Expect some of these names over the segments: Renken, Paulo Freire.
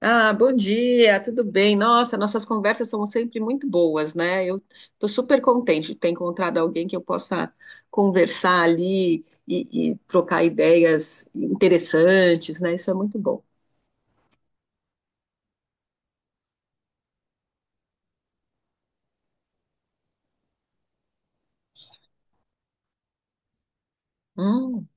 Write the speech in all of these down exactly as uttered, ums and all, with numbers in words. Ah, bom dia, tudo bem? Nossa, nossas conversas são sempre muito boas, né? Eu estou super contente de ter encontrado alguém que eu possa conversar ali e, e trocar ideias interessantes, né? Isso é muito bom. Hum.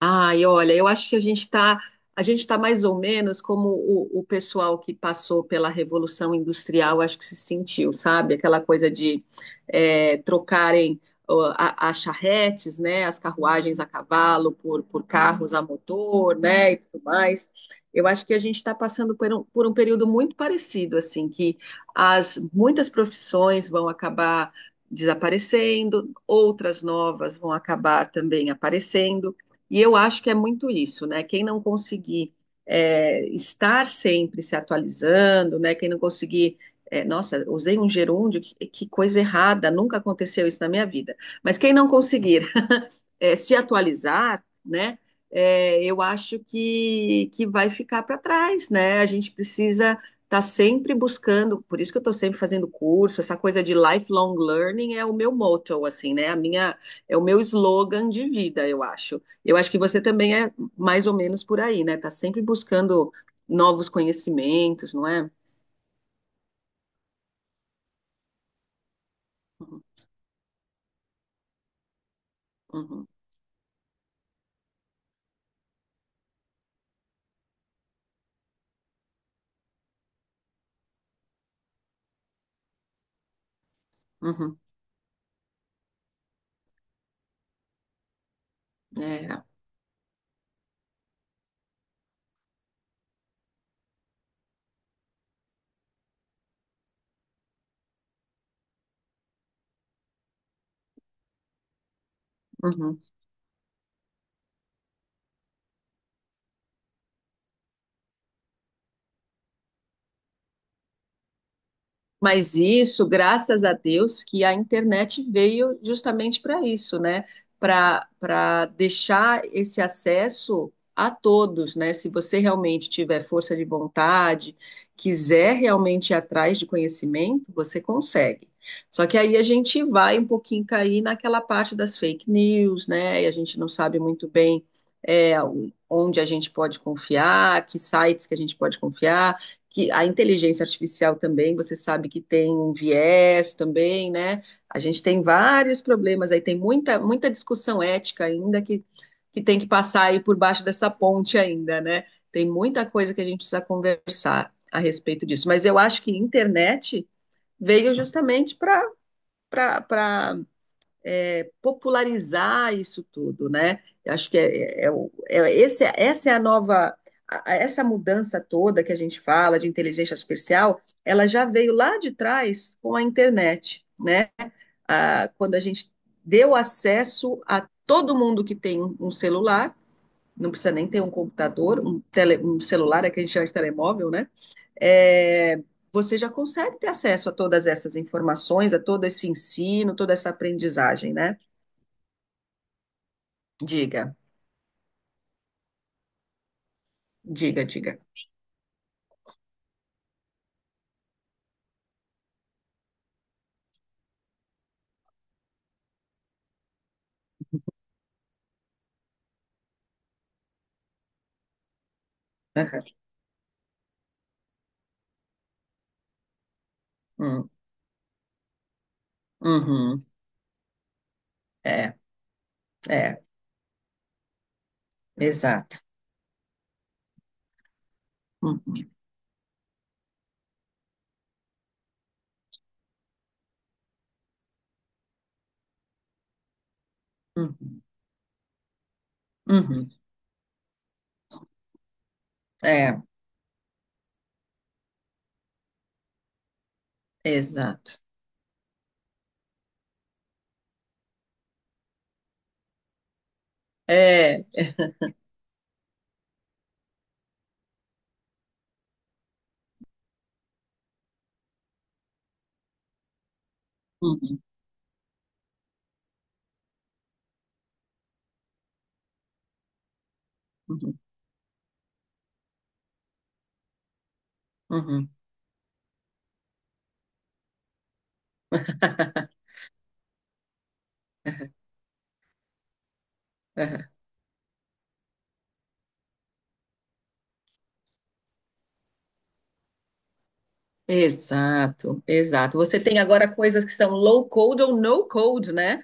Ai, olha, eu acho que a gente está a gente está mais ou menos como o, o pessoal que passou pela Revolução Industrial, acho que se sentiu, sabe? Aquela coisa de eh, trocarem ó, a- as charretes, né? As carruagens a cavalo por, por carros a motor, né? E tudo mais. Eu acho que a gente está passando por um, por um período muito parecido, assim, que as muitas profissões vão acabar desaparecendo, outras novas vão acabar também aparecendo. E eu acho que é muito isso, né? Quem não conseguir é, estar sempre se atualizando, né? Quem não conseguir. É, nossa, usei um gerúndio, que, que coisa errada, nunca aconteceu isso na minha vida. Mas quem não conseguir é, se atualizar, né? É, eu acho que, que vai ficar para trás, né? A gente precisa estar tá sempre buscando, por isso que eu estou sempre fazendo curso, essa coisa de lifelong learning é o meu motto, assim, né? A minha, é o meu slogan de vida, eu acho. Eu acho que você também é mais ou menos por aí, né? Tá sempre buscando novos conhecimentos, não é? Uhum, uhum, uhum. É, uhum. Mas isso, graças a Deus, que a internet veio justamente para isso, né? Para para deixar esse acesso a todos, né? Se você realmente tiver força de vontade, quiser realmente ir atrás de conhecimento, você consegue. Só que aí a gente vai um pouquinho cair naquela parte das fake news, né? E a gente não sabe muito bem é, onde a gente pode confiar, que sites que a gente pode confiar que a inteligência artificial também, você sabe que tem um viés também, né? A gente tem vários problemas aí, tem muita, muita discussão ética ainda que, que tem que passar aí por baixo dessa ponte ainda, né? Tem muita coisa que a gente precisa conversar a respeito disso. Mas eu acho que internet veio justamente para para popularizar isso tudo, né? Eu acho que é, é, é- esse, essa é a nova, a- essa mudança toda que a gente fala de inteligência artificial, ela já veio lá de trás com a internet, né? Ah, quando a gente deu acesso a todo mundo que tem um um celular, não precisa nem ter um computador, um, tele, um celular, é que a gente chama de telemóvel, né? É, você já consegue ter acesso a todas essas informações, a todo esse ensino, toda essa aprendizagem, né? Diga. Diga, diga. Aham. Hum, uhum, é, é, exato. Uhum, uhum, uhum, é, exato. É, uhum, uhum, uhum. É. Exato, exato. Você tem agora coisas que são low code ou no code, né?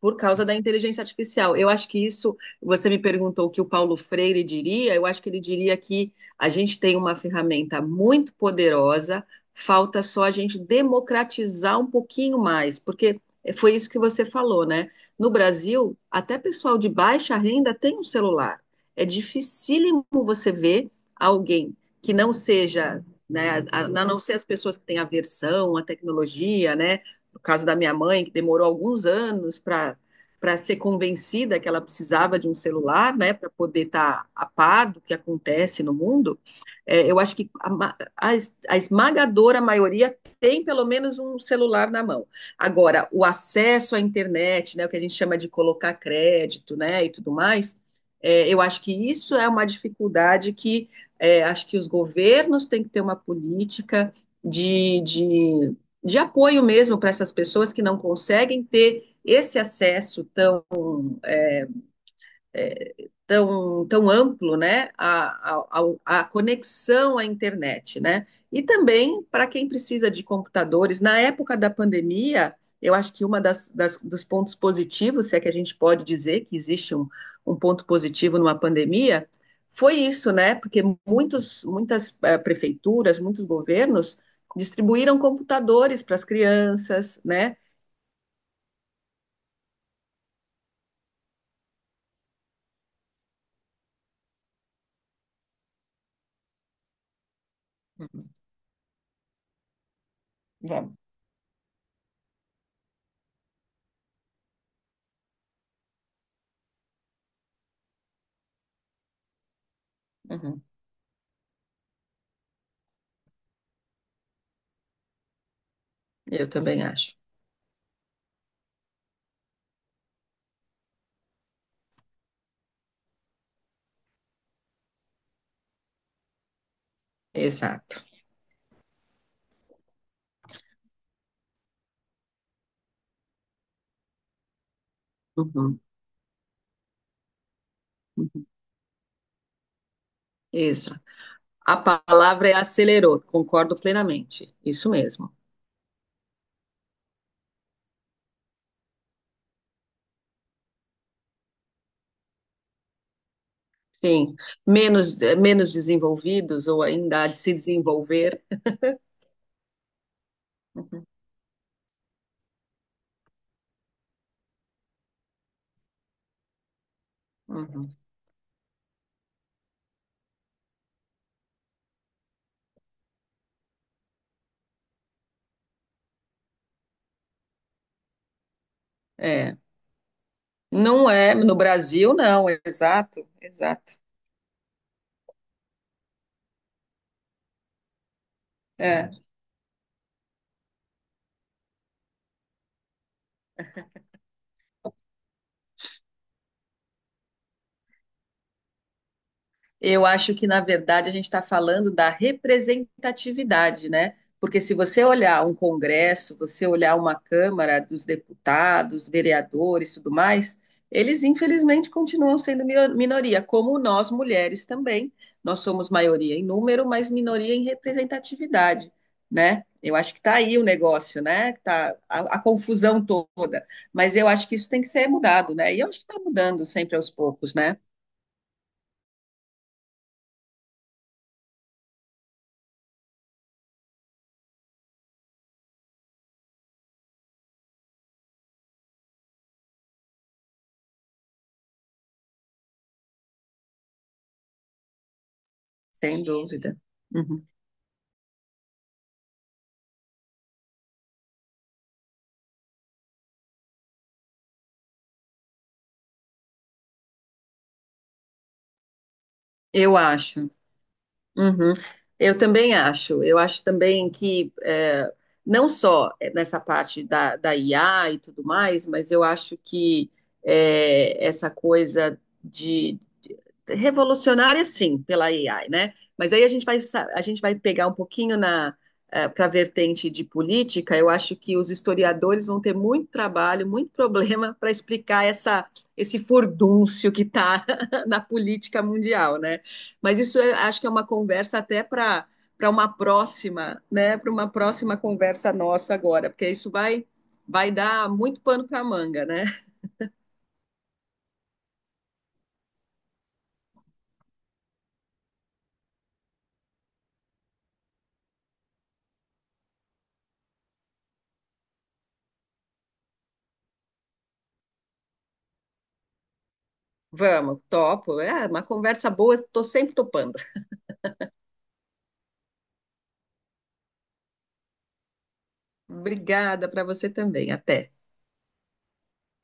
Por causa da inteligência artificial. Eu acho que isso, você me perguntou o que o Paulo Freire diria, eu acho que ele diria que a gente tem uma ferramenta muito poderosa, falta só a gente democratizar um pouquinho mais, porque foi isso que você falou, né? No Brasil, até pessoal de baixa renda tem um celular. É dificílimo você ver alguém que não seja né, a, a não ser as pessoas que têm aversão à tecnologia, né, no caso da minha mãe, que demorou alguns anos para para ser convencida que ela precisava de um celular, né, para poder estar tá a par do que acontece no mundo, é, eu acho que a, a, a esmagadora maioria tem pelo menos um celular na mão. Agora, o acesso à internet, né, o que a gente chama de colocar crédito, né, e tudo mais, é, eu acho que isso é uma dificuldade que é, acho que os governos têm que ter uma política de, de, de apoio mesmo para essas pessoas que não conseguem ter esse acesso tão é, tão, tão amplo, né, a, a, a a conexão à internet, né? E também para quem precisa de computadores. Na época da pandemia, eu acho que uma das, das- dos pontos positivos, se é que a gente pode dizer que existe um, um ponto positivo numa pandemia, foi isso, né? Porque muitos, muitas eh, prefeituras, muitos governos distribuíram computadores para as crianças, né? Uhum. Uhum. Eu também acho. Exato. Uhum. Isso. A palavra é acelerou, concordo plenamente. Isso mesmo. Sim. Menos, menos desenvolvidos ou ainda há de se desenvolver. Uhum. É. Não é, no Brasil não, é exato, exato. É. Eu acho que, na verdade, a gente está falando da representatividade, né? Porque se você olhar um congresso, você olhar uma Câmara dos deputados, vereadores, tudo mais, eles infelizmente continuam sendo mio- minoria, como nós mulheres também. Nós somos maioria em número, mas minoria em representatividade, né? Eu acho que está aí o negócio, né? Que tá a, a confusão toda. Mas eu acho que isso tem que ser mudado, né? E eu acho que está mudando sempre aos poucos, né? Sem dúvida. Uhum. Eu acho. Uhum. Eu também acho. Eu acho também que é, não só nessa parte da, da I A e tudo mais, mas eu acho que é, essa coisa de de- revolucionária, sim, pela A I, né? Mas aí a gente vai, sa- a gente vai pegar um pouquinho na para a vertente de política. Eu acho que os historiadores vão ter muito trabalho, muito problema para explicar essa, esse furdúncio que está na política mundial, né? Mas isso eu acho que é uma conversa até para para uma próxima, né? Para uma próxima conversa nossa agora, porque isso vai vai dar muito pano para manga, né? Vamos, topo. É uma conversa boa, estou sempre topando. Obrigada para você também. Até.